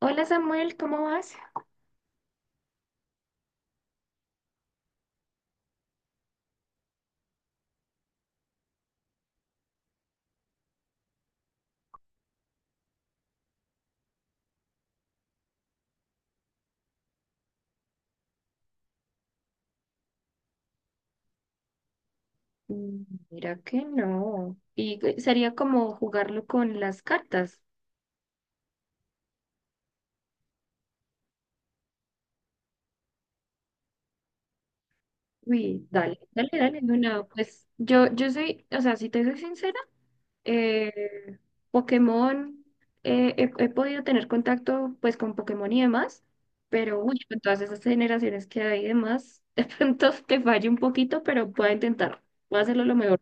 Hola Samuel, ¿cómo vas? Mm. Mira que no. Y sería como jugarlo con las cartas. Uy, dale, dale, dale. Bueno, pues yo soy, o sea, si te soy sincera, eh, Pokémon, he podido tener contacto pues con Pokémon y demás, pero uy, con todas esas generaciones que hay y demás, de pronto te fallo un poquito, pero puedo intentar. Voy a hacerlo lo mejor.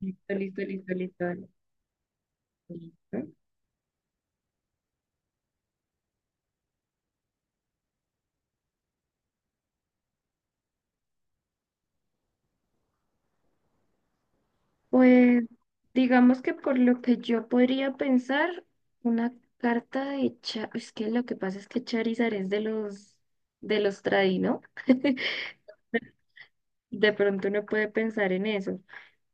Listo, listo, listo, listo. Dale. Listo. Pues digamos que por lo que yo podría pensar, una carta es que lo que pasa es que Charizard es de los tradi, ¿no? De pronto uno puede pensar en eso,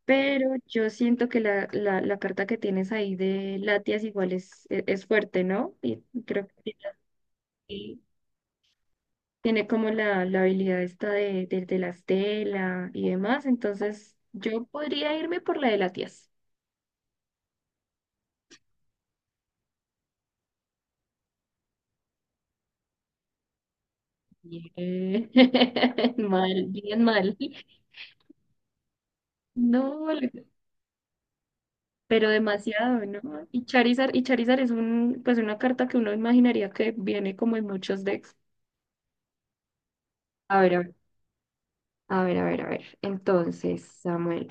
pero yo siento que la carta que tienes ahí de Latias igual es, fuerte, ¿no? Y creo que tiene tiene como la habilidad esta de la estela y demás, entonces yo podría irme por la de Latias. Bien. Mal, bien mal. No, vale, pero demasiado, ¿no? Y Charizard es un, pues una carta que uno imaginaría que viene como en muchos decks. A ver, a ver, a ver, a ver. A ver. Entonces, Samuel,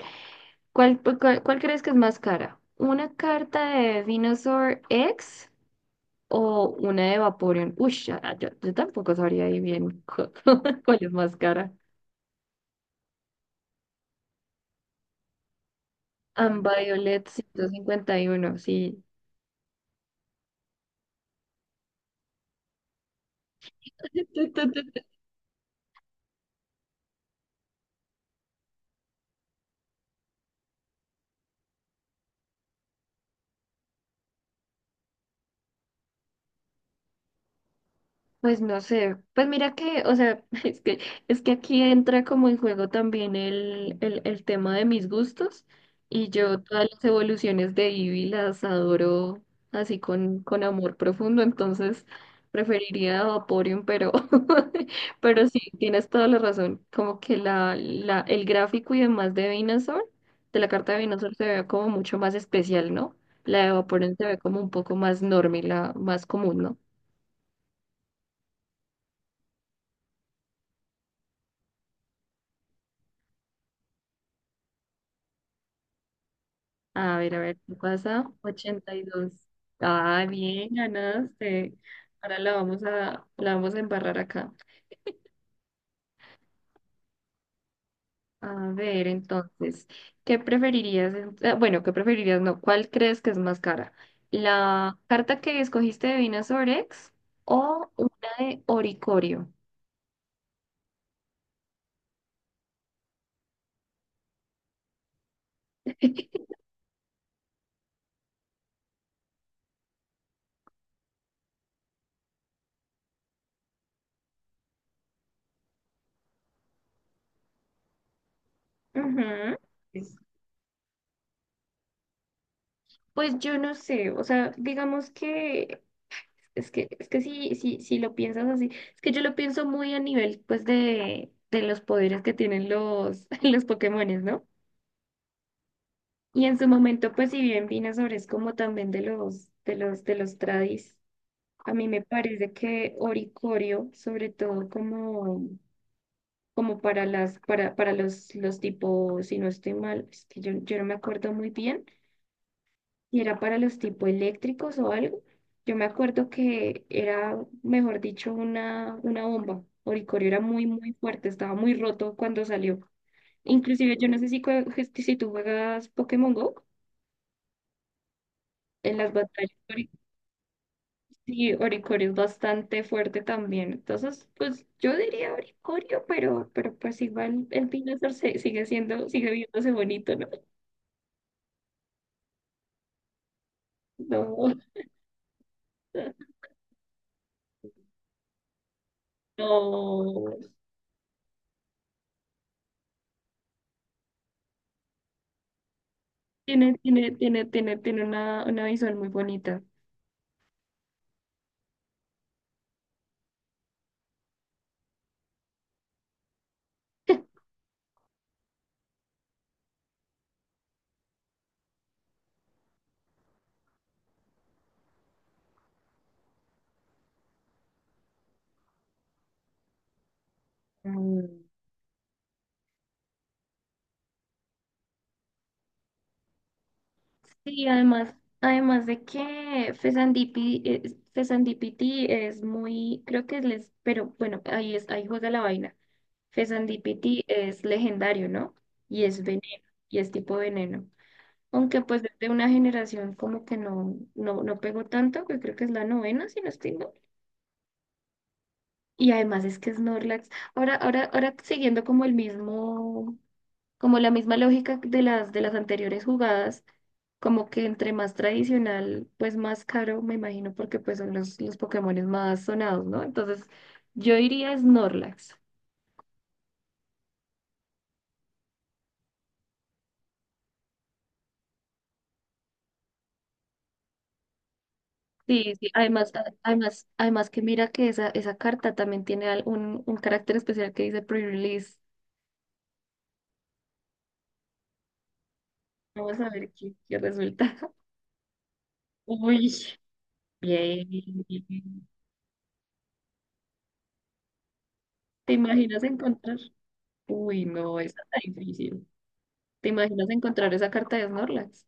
¿cuál crees que es más cara? ¿Una carta de Venusaur X o una de Vaporeon? Uy, yo tampoco sabría ahí bien cuál es más cara. Ambiviolet 151, sí. Pues no sé, pues mira que, o sea, es que aquí entra como en juego también el tema de mis gustos y yo todas las evoluciones de Eevee las adoro así con amor profundo, entonces preferiría a Vaporeon, pero, pero sí, tienes toda la razón, como que el gráfico y demás de Venusaur, de la carta de Venusaur se ve como mucho más especial, ¿no? La de Vaporeon se ve como un poco más normal, la más común, ¿no? A ver, ¿qué pasa? 82. Ah, bien, ganaste. Ahora la vamos a, embarrar acá. A ver, entonces, ¿qué preferirías? Bueno, ¿qué preferirías? No, ¿cuál crees que es más cara? ¿La carta que escogiste de Vinasorex o una de Oricorio? Ujú. Pues yo no sé, o sea, digamos que Es que sí, sí, sí lo piensas así. Es que yo lo pienso muy a nivel, pues, de los poderes que tienen los, los Pokémones, ¿no? Y en su momento, pues, si bien Venusaur es como también de los, tradis, a mí me parece que Oricorio, sobre todo como para las, para los tipos, si no estoy mal, es que yo no me acuerdo muy bien y era para los tipo eléctricos o algo. Yo me acuerdo que era, mejor dicho, una bomba. Oricorio era muy, muy fuerte, estaba muy roto cuando salió. Inclusive, yo no sé si, si tú juegas Pokémon Go, en las batallas, sí, Oricorio es bastante fuerte también. Entonces, pues yo diría Oricorio, pero pues igual el Pinazar sigue siendo, sigue viéndose bonito, ¿no? No, no. Tiene una visual muy bonita. Mm. Sí, además de que Fesandipiti es muy, creo que es, les, pero bueno, ahí es, ahí juega la vaina. Fesandipiti es legendario, ¿no? Y es veneno, y es tipo veneno. Aunque pues desde una generación como que no pegó tanto, que creo que es la novena, si no estoy mal. Y además es que Snorlax. Ahora siguiendo como el mismo, como la misma lógica de las, anteriores jugadas. Como que entre más tradicional, pues más caro, me imagino, porque pues son los Pokémones más sonados, ¿no? Entonces, yo iría Snorlax. Sí, sí. Además, además que mira que esa carta también tiene un carácter especial que dice pre-release. Vamos a ver qué resulta. Uy, bien. ¿Te imaginas encontrar? Uy, no, esa está difícil. ¿Te imaginas encontrar esa carta de Snorlax?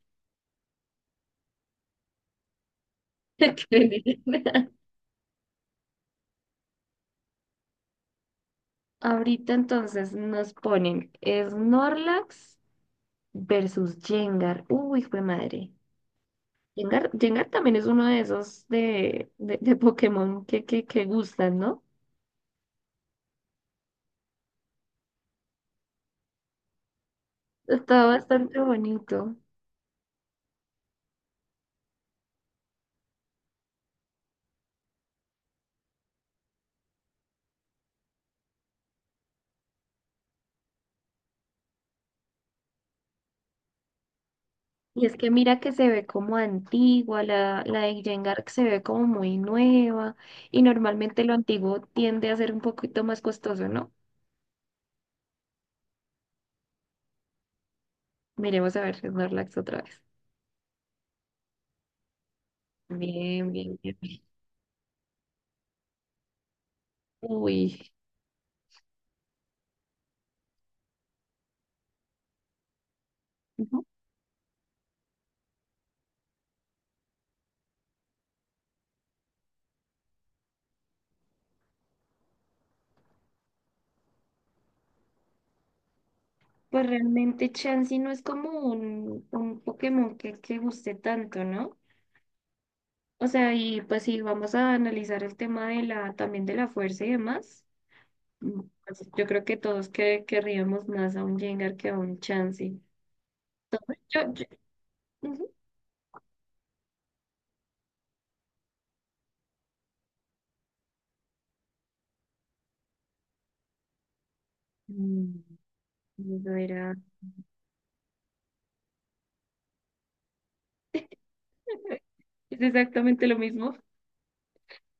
Qué bien. Ahorita entonces nos ponen Snorlax versus Jengar. Uy, fue madre. Jengar también es uno de esos de Pokémon que gustan, ¿no? Está bastante bonito. Y es que mira que se ve como antigua, la de Jengar se ve como muy nueva y normalmente lo antiguo tiende a ser un poquito más costoso, ¿no? Miremos a ver Snorlax otra vez. Bien, bien, bien. Uy. Pues realmente Chansey no es como un Pokémon que guste tanto, ¿no? O sea, y pues si vamos a analizar el tema también de la fuerza y demás, pues, yo creo que todos querríamos más a un Jengar que a un Chansey. Yo, yo- Ujú. Mm, eso era es exactamente lo mismo.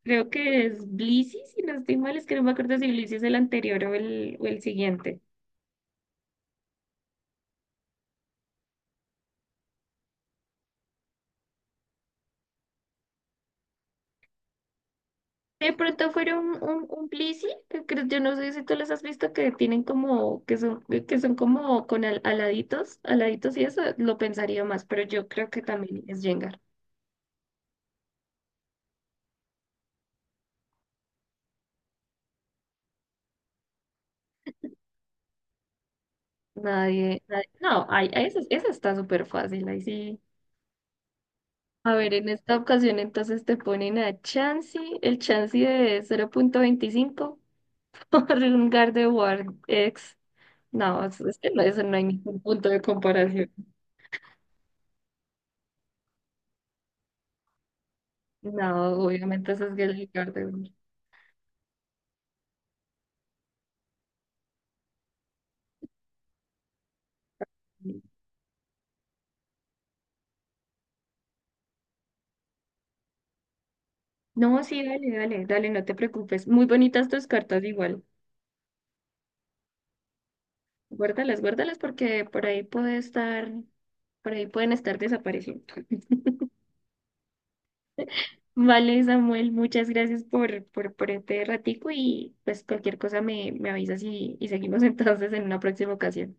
Creo que es Blissey, si no estoy mal, es que no me acuerdo si Blissey es el anterior o el o el siguiente. De pronto fueron un plisi, yo no sé si tú los has visto, que tienen como, que son como con aladitos, aladitos y eso, lo pensaría más, pero yo creo que también es Jengar. No, ay, ay, esa está súper fácil, ahí sí. A ver, en esta ocasión entonces te ponen a Chansey, el Chansey de 0.25 por un Gardevoir X. No, es que no, eso no hay ningún punto de comparación. No, obviamente eso es el Gardevoir. No, sí, dale, dale, dale, no te preocupes. Muy bonitas tus cartas igual. Guárdalas, guárdalas porque por ahí puede estar, por ahí pueden estar desapareciendo. Vale, Samuel, muchas gracias por este ratico y pues cualquier cosa me avisas y seguimos entonces en una próxima ocasión.